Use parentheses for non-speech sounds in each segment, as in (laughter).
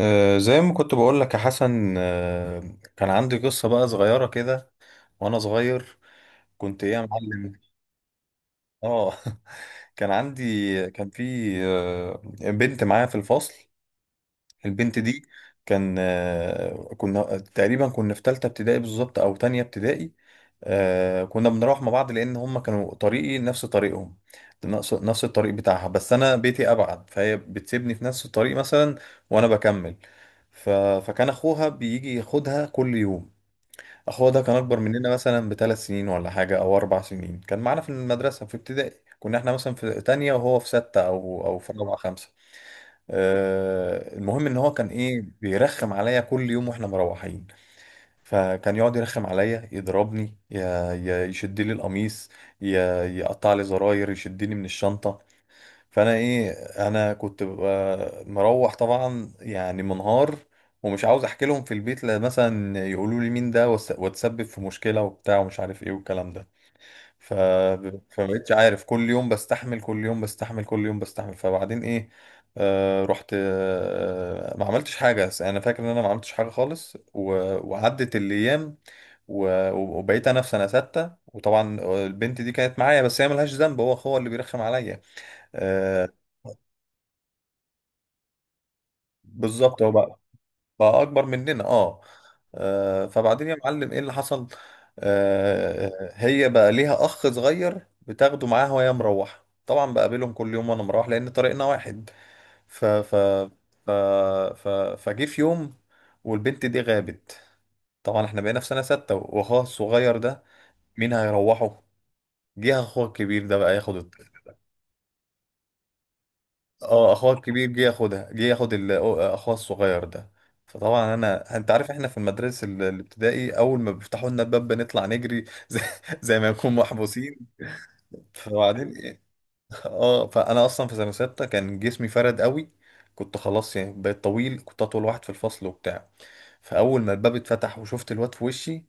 زي ما كنت بقول لك يا حسن، كان عندي قصة بقى صغيرة كده وأنا صغير. كنت إيه يا معلم؟ آه. (laughs) كان عندي كان في آه، بنت معايا في الفصل. البنت دي كان آه، كنا تقريبا في تالتة ابتدائي بالظبط أو تانية ابتدائي. كنا بنروح مع بعض لأن هما كانوا طريقي نفس طريقهم، نفس الطريق بتاعها، بس أنا بيتي أبعد فهي بتسيبني في نفس الطريق مثلا وأنا بكمل. ف... فكان أخوها بيجي ياخدها كل يوم. أخوها ده كان أكبر مننا مثلا بـ3 سنين ولا حاجة أو 4 سنين، كان معانا في المدرسة في ابتدائي. كنا احنا مثلا في تانية وهو في ستة أو في رابعة خمسة. المهم ان هو كان ايه بيرخم عليا كل يوم واحنا مروحين، فكان يقعد يرخم عليا، يضربني، ي- يشد لي القميص، ي- يقطع لي زراير، يشدني من الشنطة. فانا ايه، انا كنت ببقى مروح طبعا يعني منهار، ومش عاوز احكي لهم في البيت لا مثلا يقولوا لي مين ده واتسبب في مشكلة وبتاع ومش عارف ايه والكلام ده. ف فمبقتش عارف، كل يوم بستحمل، كل يوم بستحمل، كل يوم بستحمل. فبعدين ايه؟ آه رحت، ما عملتش حاجة. انا فاكر ان انا ما عملتش حاجة خالص وعدت الايام. وبقيت انا في سنه سته، وطبعا البنت دي كانت معايا بس هي ملهاش ذنب، هو هو اللي بيرخم عليا. آه، بالظبط، هو بقى اكبر مننا. اه، فبعدين يا معلم ايه اللي حصل؟ هي بقى ليها اخ صغير بتاخده معاها وهي مروحه، طبعا بقابلهم كل يوم وانا مروح لان طريقنا واحد. ف ف ف ف فجه في يوم والبنت دي غابت. طبعا احنا بقينا في سنه سته، واخوها الصغير ده مين هيروحه؟ جه اخوها الكبير ده بقى ياخد، اه، اخوها الكبير جه ياخدها، جه ياخد اخوها الصغير ده. فطبعا انا، انت عارف احنا في المدرسه الابتدائي، اول ما بيفتحوا لنا الباب بنطلع نجري (laughs) زي ما نكون محبوسين. فبعدين ايه؟ اه، فانا اصلا في سنه سته كان جسمي فرد قوي، كنت خلاص يعني بقيت طويل، كنت اطول واحد في الفصل وبتاع. فاول ما الباب اتفتح وشفت الواد في وشي،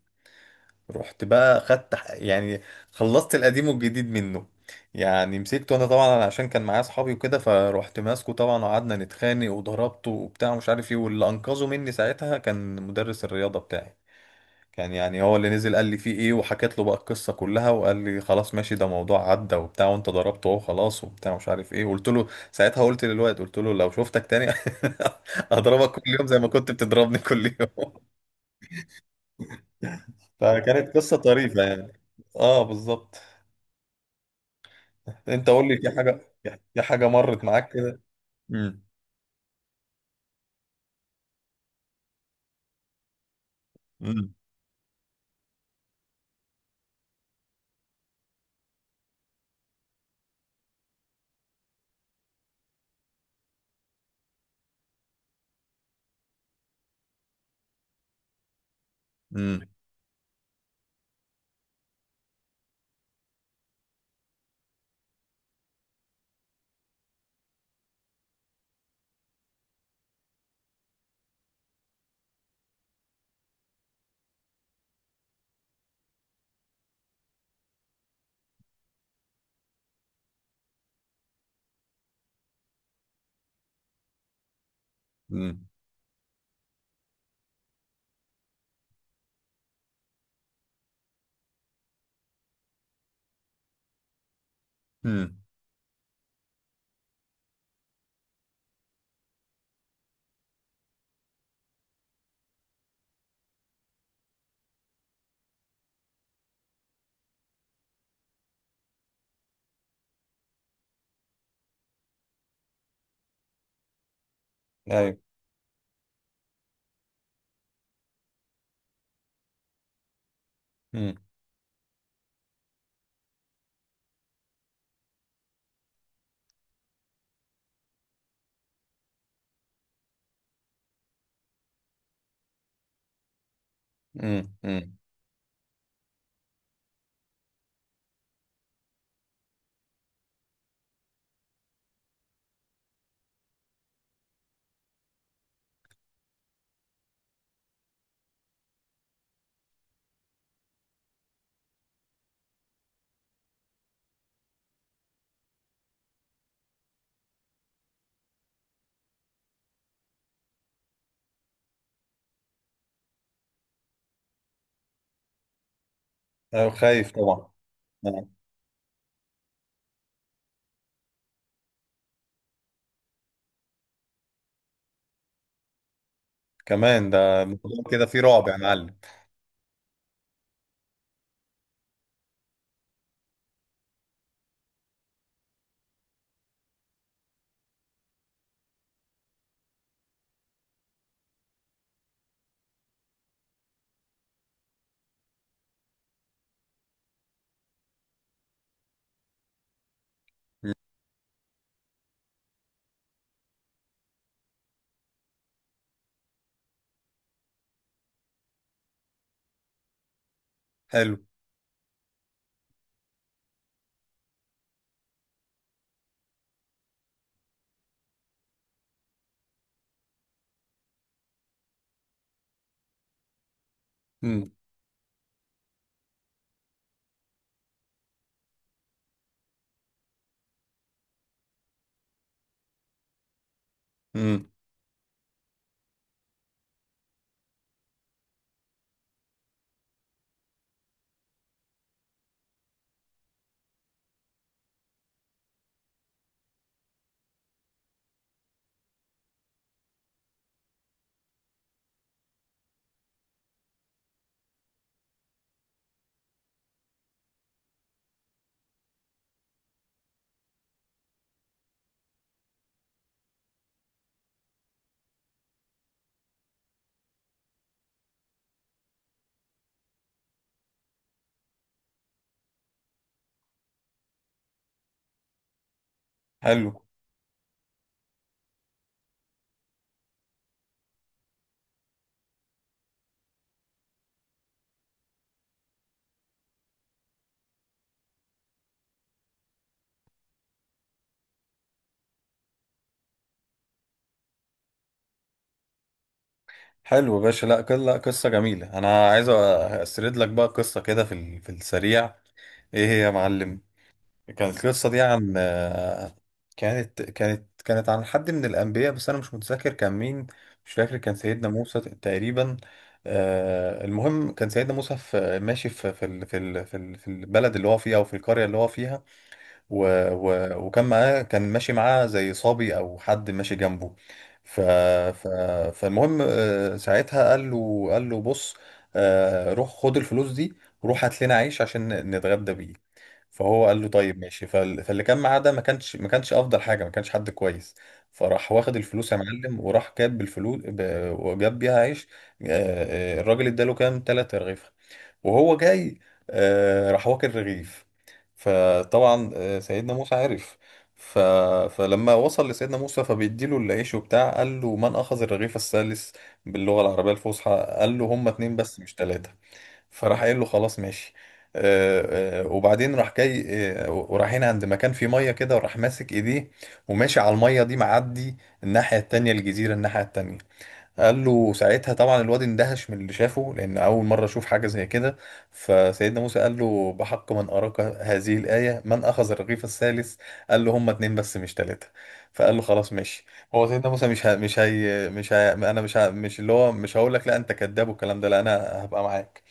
رحت بقى خدت يعني خلصت القديم والجديد منه، يعني مسكته انا طبعا عشان كان معايا اصحابي وكده، فروحت ماسكه طبعا وقعدنا نتخانق وضربته وبتاع ومش عارف ايه. واللي انقذه مني ساعتها كان مدرس الرياضه بتاعي، كان يعني هو اللي نزل. قال لي فيه ايه، وحكيت له بقى القصه كلها، وقال لي خلاص ماشي، ده موضوع عدى وبتاع وانت ضربته اهو خلاص وبتاع مش عارف ايه. قلت له ساعتها، قلت للواد قلت له لو شفتك تاني (laughs) اضربك كل يوم زي ما كنت بتضربني كل يوم. (laughs) فكانت قصه طريفه يعني. اه بالظبط. انت قول لي، في حاجه مرت معاك كده؟ امم. امم. امم. امم. امم. ايوه. امم. امم. امم. ايوه، خايف طبعا. نعم. كمان ده الموضوع كده فيه رعب يا معلم. حلو. امم. امم. حلو. حلو يا باشا، لا، لا قصه جميله. انا عايز اسرد لك بقى قصه كده في في السريع. ايه هي يا معلم؟ كانت القصة دي عن كانت عن حد من الأنبياء بس أنا مش متذكر كان مين. مش فاكر، كان سيدنا موسى تقريبا. المهم كان سيدنا موسى في ماشي في البلد اللي هو فيها أو في القرية اللي هو فيها. و و وكان معاه كان ماشي معاه زي صبي أو حد ماشي جنبه. ف ف فالمهم ساعتها قال له بص، روح خد الفلوس دي وروح هات لنا عيش عشان نتغدى بيه. فهو قال له طيب ماشي. فاللي كان معاه ده ما كانش افضل حاجه، ما كانش حد كويس. فراح واخد الفلوس يا معلم وراح جاب بالفلوس وجاب بيها عيش. الراجل اداله كام تلات رغيف، وهو جاي راح واكل رغيف. فطبعا سيدنا موسى عرف. ف... فلما وصل لسيدنا موسى فبيديله العيش وبتاع، قال له: من اخذ الرغيف الثالث؟ باللغه العربيه الفصحى. قال له هما اتنين بس مش تلاته. فراح قايل له خلاص ماشي. وبعدين راح جاي، ورايحين عند مكان فيه ميه كده، وراح ماسك ايديه وماشي على الميه دي، معدي الناحيه التانية، الجزيره الناحيه التانية. قال له ساعتها، طبعا الواد اندهش من اللي شافه لان اول مره اشوف حاجه زي كده. فسيدنا موسى قال له: بحق من اراك هذه الايه، من اخذ الرغيف الثالث؟ قال له هما اتنين بس مش تلاته. فقال له خلاص ماشي. هو سيدنا موسى مش ه... مش اللي هو مش هقول لك لا انت كذاب والكلام ده، لا، انا هبقى معاك.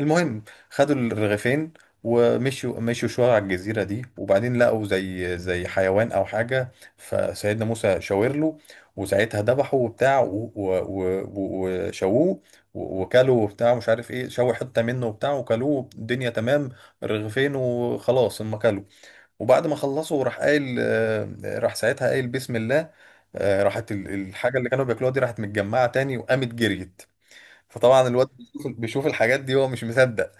المهم، خدوا الرغيفين ومشوا، مشوا شوية على الجزيرة دي، وبعدين لقوا زي زي حيوان أو حاجة. فسيدنا موسى شاور له وساعتها ذبحه وبتاع وشووه، وكلوا وبتاع مش عارف ايه، شووا حتة منه وبتاع وكلوه، الدنيا تمام. الرغيفين وخلاص هم كلوا. وبعد ما خلصوا راح قايل راح ساعتها قايل بسم الله. راحت الحاجة اللي كانوا بياكلوها دي راحت متجمعة تاني وقامت جريت. فطبعا الواد بيشوف الحاجات دي هو مش مصدق.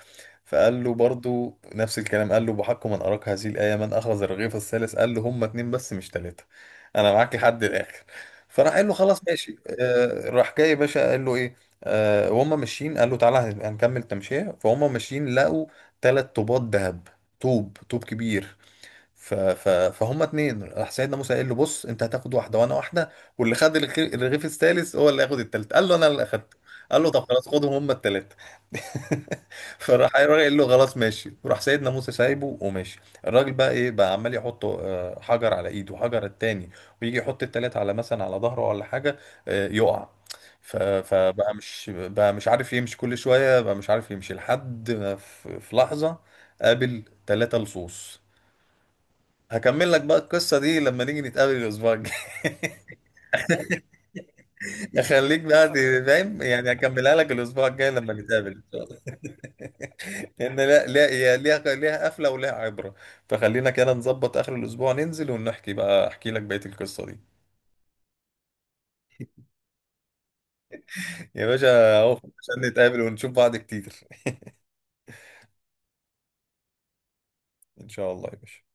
فقال له برضو نفس الكلام، قال له: بحق من أراك هذه الآية، من أخذ الرغيف الثالث؟ قال له هما اتنين بس مش تلاتة، أنا معاك لحد الآخر. فراح قال له خلاص ماشي. آه، راح جاي يا باشا قال له إيه؟ آه، وهم ماشيين قال له: تعالى هنكمل تمشية. فهم ماشيين لقوا تلات طوبات ذهب، طوب طوب كبير. فهم اتنين، راح سيدنا موسى قال له: بص، انت هتاخد واحده وانا واحده، واللي خد الرغيف الثالث هو اللي هياخد التالت. قال له انا اللي اخدته. قال له طب خلاص، خدهم هم التلاته. (laughs) فراح الراجل قال له خلاص ماشي، وراح سيدنا موسى سايبه وماشي. الراجل بقى ايه، بقى عمال يحط حجر على ايده وحجر التاني، ويجي يحط التلاته على مثلا على ظهره ولا حاجه، يقع. فبقى مش، بقى مش عارف يمشي، كل شويه بقى مش عارف يمشي لحد ما في لحظه قابل ثلاثة لصوص. هكمل لك بقى القصة دي لما نيجي نتقابل الأسبوع الجاي. (laughs) أخليك بقى فاهم يعني، هكملها لك الأسبوع الجاي لما نتقابل إن شاء الله. لأن، لا لا، هي ليها، ليها قفلة وليها عبرة. فخلينا كده نظبط آخر الأسبوع ننزل ونحكي بقى، أحكي لك بقية القصة دي. يا باشا أهو عشان نتقابل ونشوف بعض كتير. (laughs) إن شاء الله يا باشا.